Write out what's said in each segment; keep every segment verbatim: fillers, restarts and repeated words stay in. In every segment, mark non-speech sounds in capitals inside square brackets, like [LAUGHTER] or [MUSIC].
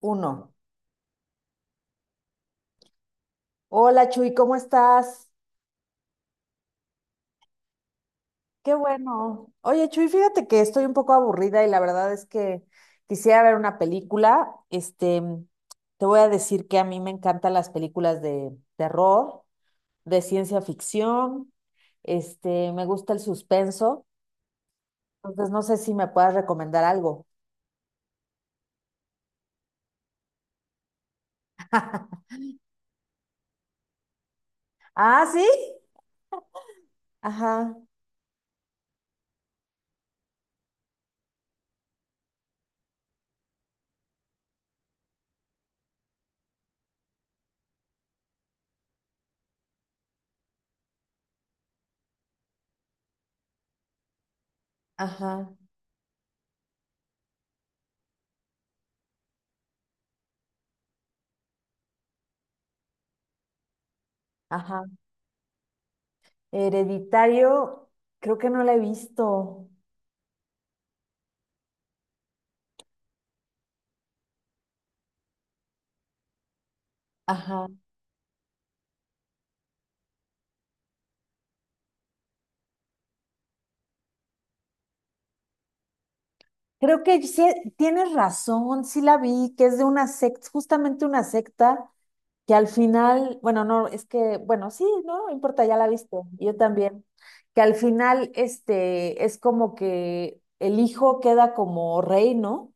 Uno. Hola Chuy, ¿cómo estás? Qué bueno. Oye Chuy, fíjate que estoy un poco aburrida y la verdad es que quisiera ver una película. Este, te voy a decir que a mí me encantan las películas de terror, de ciencia ficción, este, me gusta el suspenso. Entonces no sé si me puedas recomendar algo. [LAUGHS] Ah, ¿sí? Ajá, ajá, ajá. Hereditario, creo que no la he visto. Ajá. Creo que sí, tienes razón, sí la vi, que es de una secta, justamente una secta que al final, bueno, no, es que, bueno, sí, no, no importa, ya la viste, yo también, que al final, este, es como que el hijo queda como rey, ¿no?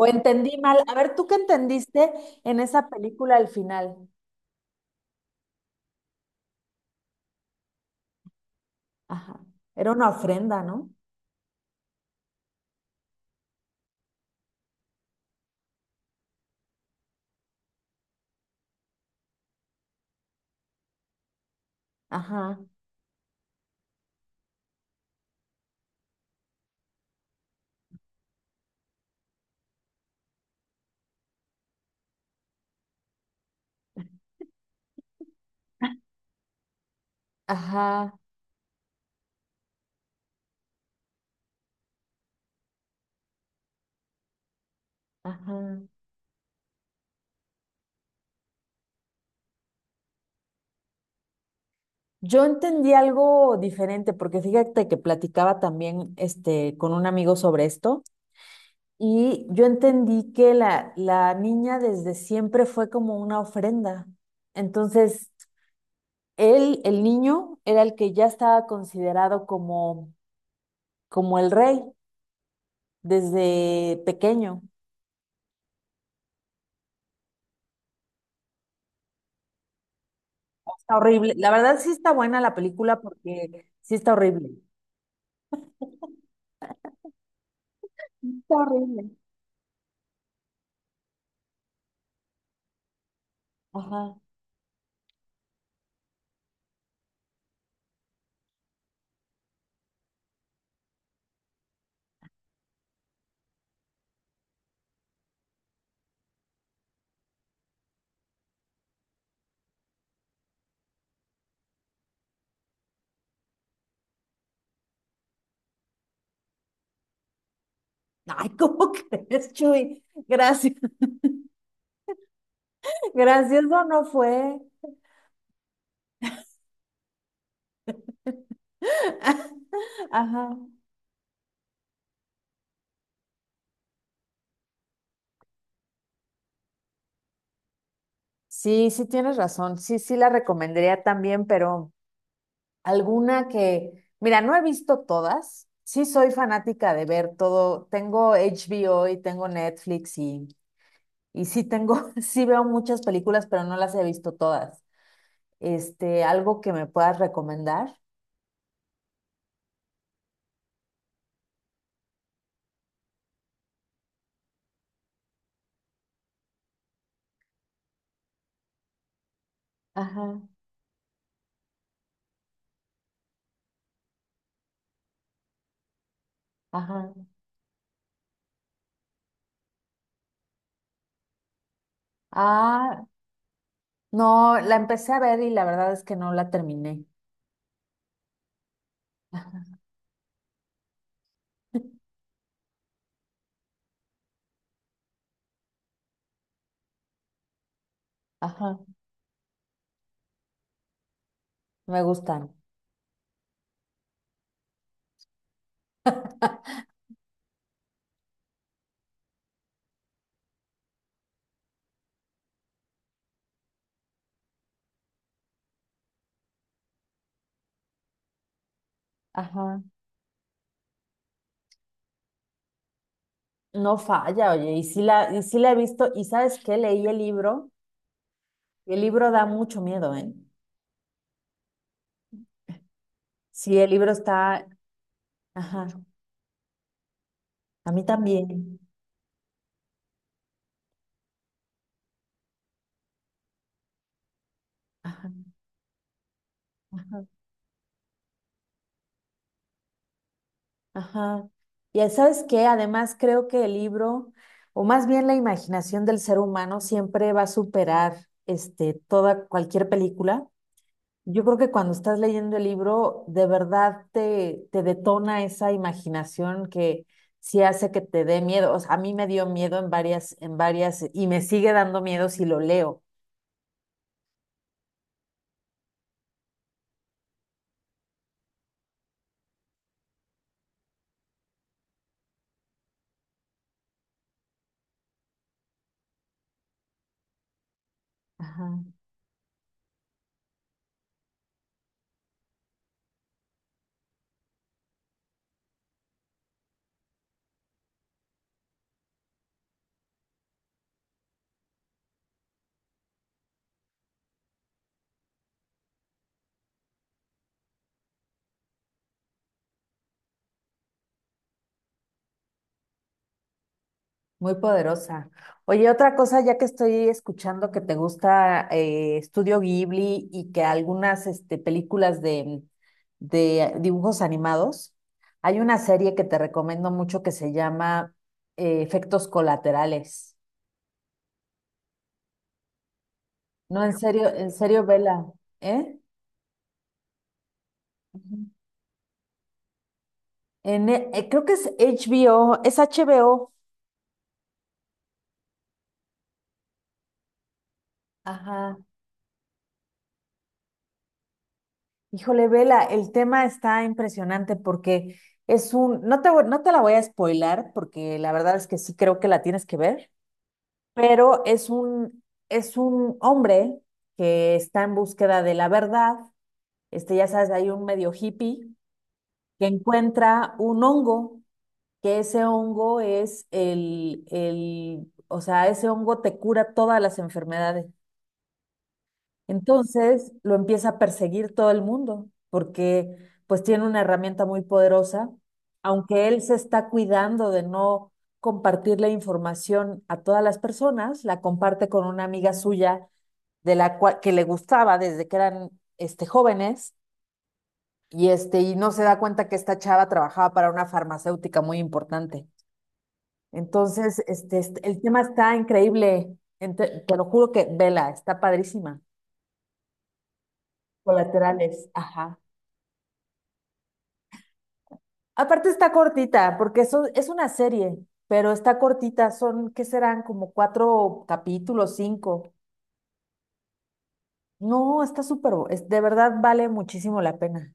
O entendí mal, a ver, ¿tú qué entendiste en esa película al final? Ajá, era una ofrenda, ¿no? Ajá, ajá, ajá. Yo entendí algo diferente, porque fíjate que platicaba también este, con un amigo sobre esto, y yo entendí que la, la niña desde siempre fue como una ofrenda. Entonces, él, el niño era el que ya estaba considerado como, como el rey desde pequeño. Está horrible. La verdad sí está buena la película porque sí está horrible. Está horrible. Ajá. Ay, ¿cómo [LAUGHS] crees, Chuy? Gracias. Gracioso no fue. [LAUGHS] Ajá. Sí, sí tienes razón. Sí, sí la recomendaría también, pero alguna que, mira, no he visto todas. Sí soy fanática de ver todo. Tengo H B O y tengo Netflix y, y sí tengo, [LAUGHS] sí veo muchas películas, pero no las he visto todas. Este, algo que me puedas recomendar. Ajá, ajá. Ah, no, la empecé a ver y la verdad es que no la terminé. Ajá, me gustan. [LAUGHS] Ajá, no falla, oye, y sí la, y sí la he visto, y ¿sabes qué? Leí el libro, y el libro da mucho miedo, ¿eh? Sí, el libro está, ajá, a mí también, ajá, ajá, ajá. Y ¿sabes qué? Además creo que el libro, o más bien la imaginación del ser humano siempre va a superar, este, toda, cualquier película. Yo creo que cuando estás leyendo el libro, de verdad te, te detona esa imaginación que sí hace que te dé miedo. O sea, a mí me dio miedo en varias, en varias, y me sigue dando miedo si lo leo. Ajá, muy poderosa. Oye, otra cosa, ya que estoy escuchando que te gusta eh, Estudio Ghibli y que algunas este, películas de, de dibujos animados, hay una serie que te recomiendo mucho que se llama eh, Efectos Colaterales. No, en serio, en serio, vela, ¿eh? Ujú. En, e- eh, creo que es H B O, es H B O. Ajá. Híjole, vela, el tema está impresionante porque es un, no te, voy- no te la voy a spoilar porque la verdad es que sí creo que la tienes que ver, pero es un, es un hombre que está en búsqueda de la verdad. Este, ya sabes, hay un medio hippie que encuentra un hongo, que ese hongo es el, el, o sea, ese hongo te cura todas las enfermedades. Entonces lo empieza a perseguir todo el mundo, porque pues tiene una herramienta muy poderosa, aunque él se está cuidando de no compartir la información a todas las personas, la comparte con una amiga suya de la cua- que le gustaba desde que eran este, jóvenes, y este, y no se da cuenta que esta chava trabajaba para una farmacéutica muy importante. Entonces, este, este, el tema está increíble. Ente- te lo juro que vela, está padrísima. Colaterales, ajá. Aparte está cortita, porque eso es una serie, pero está cortita, son, ¿qué serán? Como cuatro capítulos, cinco. No, está súper, bu- es, de verdad vale muchísimo la pena,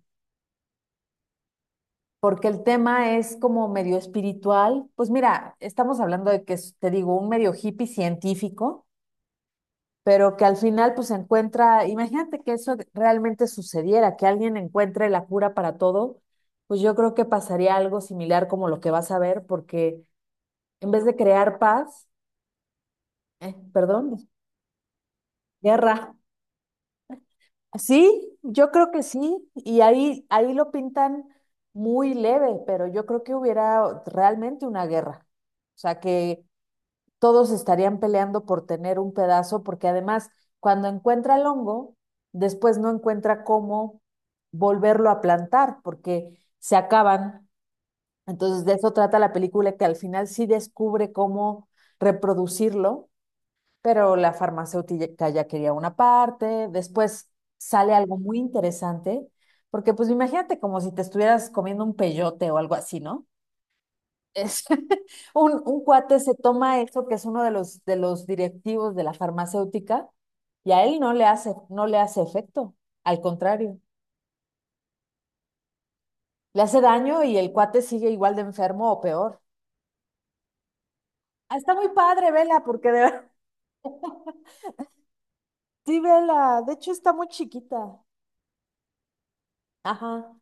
porque el tema es como medio espiritual. Pues mira, estamos hablando de que es, te digo, un medio hippie científico, pero que al final pues encuentra, imagínate que eso realmente sucediera, que alguien encuentre la cura para todo, pues yo creo que pasaría algo similar como lo que vas a ver, porque en vez de crear paz, eh, perdón, guerra. Sí, yo creo que sí, y ahí, ahí lo pintan muy leve, pero yo creo que hubiera realmente una guerra. O sea, que todos estarían peleando por tener un pedazo, porque además, cuando encuentra el hongo, después no encuentra cómo volverlo a plantar, porque se acaban. Entonces, de eso trata la película, que al final sí descubre cómo reproducirlo, pero la farmacéutica ya quería una parte, después sale algo muy interesante, porque pues imagínate como si te estuvieras comiendo un peyote o algo así, ¿no? Es, [LAUGHS] un, un cuate se toma eso, que es uno de los, de los directivos de la farmacéutica, y a él no le hace, no le hace efecto, al contrario, le hace daño y el cuate sigue igual de enfermo o peor. Ah, está muy padre, Vela, porque de verdad. [LAUGHS] Sí, Vela, de hecho está muy chiquita. Ajá,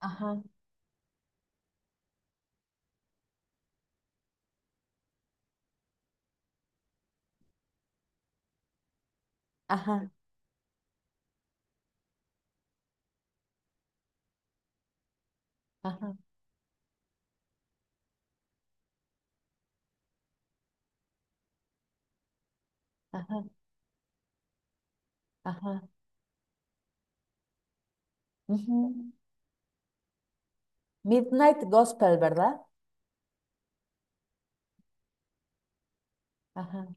ajá, ajá, ajá, ajá, ajá. Ujú. Midnight Gospel, ¿verdad? Ajá.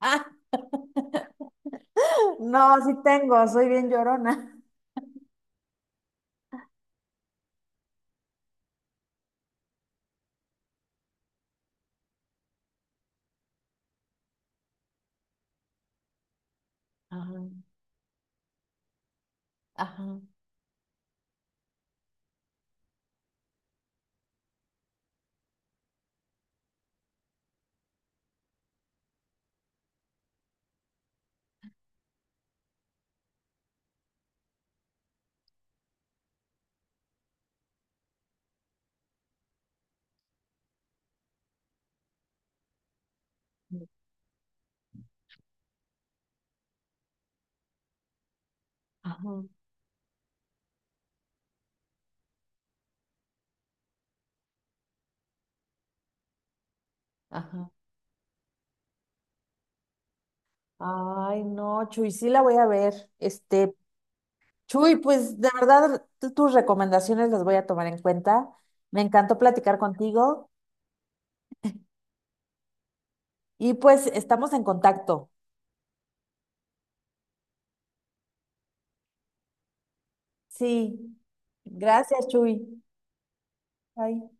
Ah, [LAUGHS] no, sí tengo, soy bien llorona. Ajá, ajá. Ajá. Ajá. Ay, no, Chuy, sí la voy a ver. Este, Chuy, pues de verdad tu- tus recomendaciones las voy a tomar en cuenta. Me encantó platicar contigo y pues estamos en contacto. Sí. Gracias, Chuy. Bye.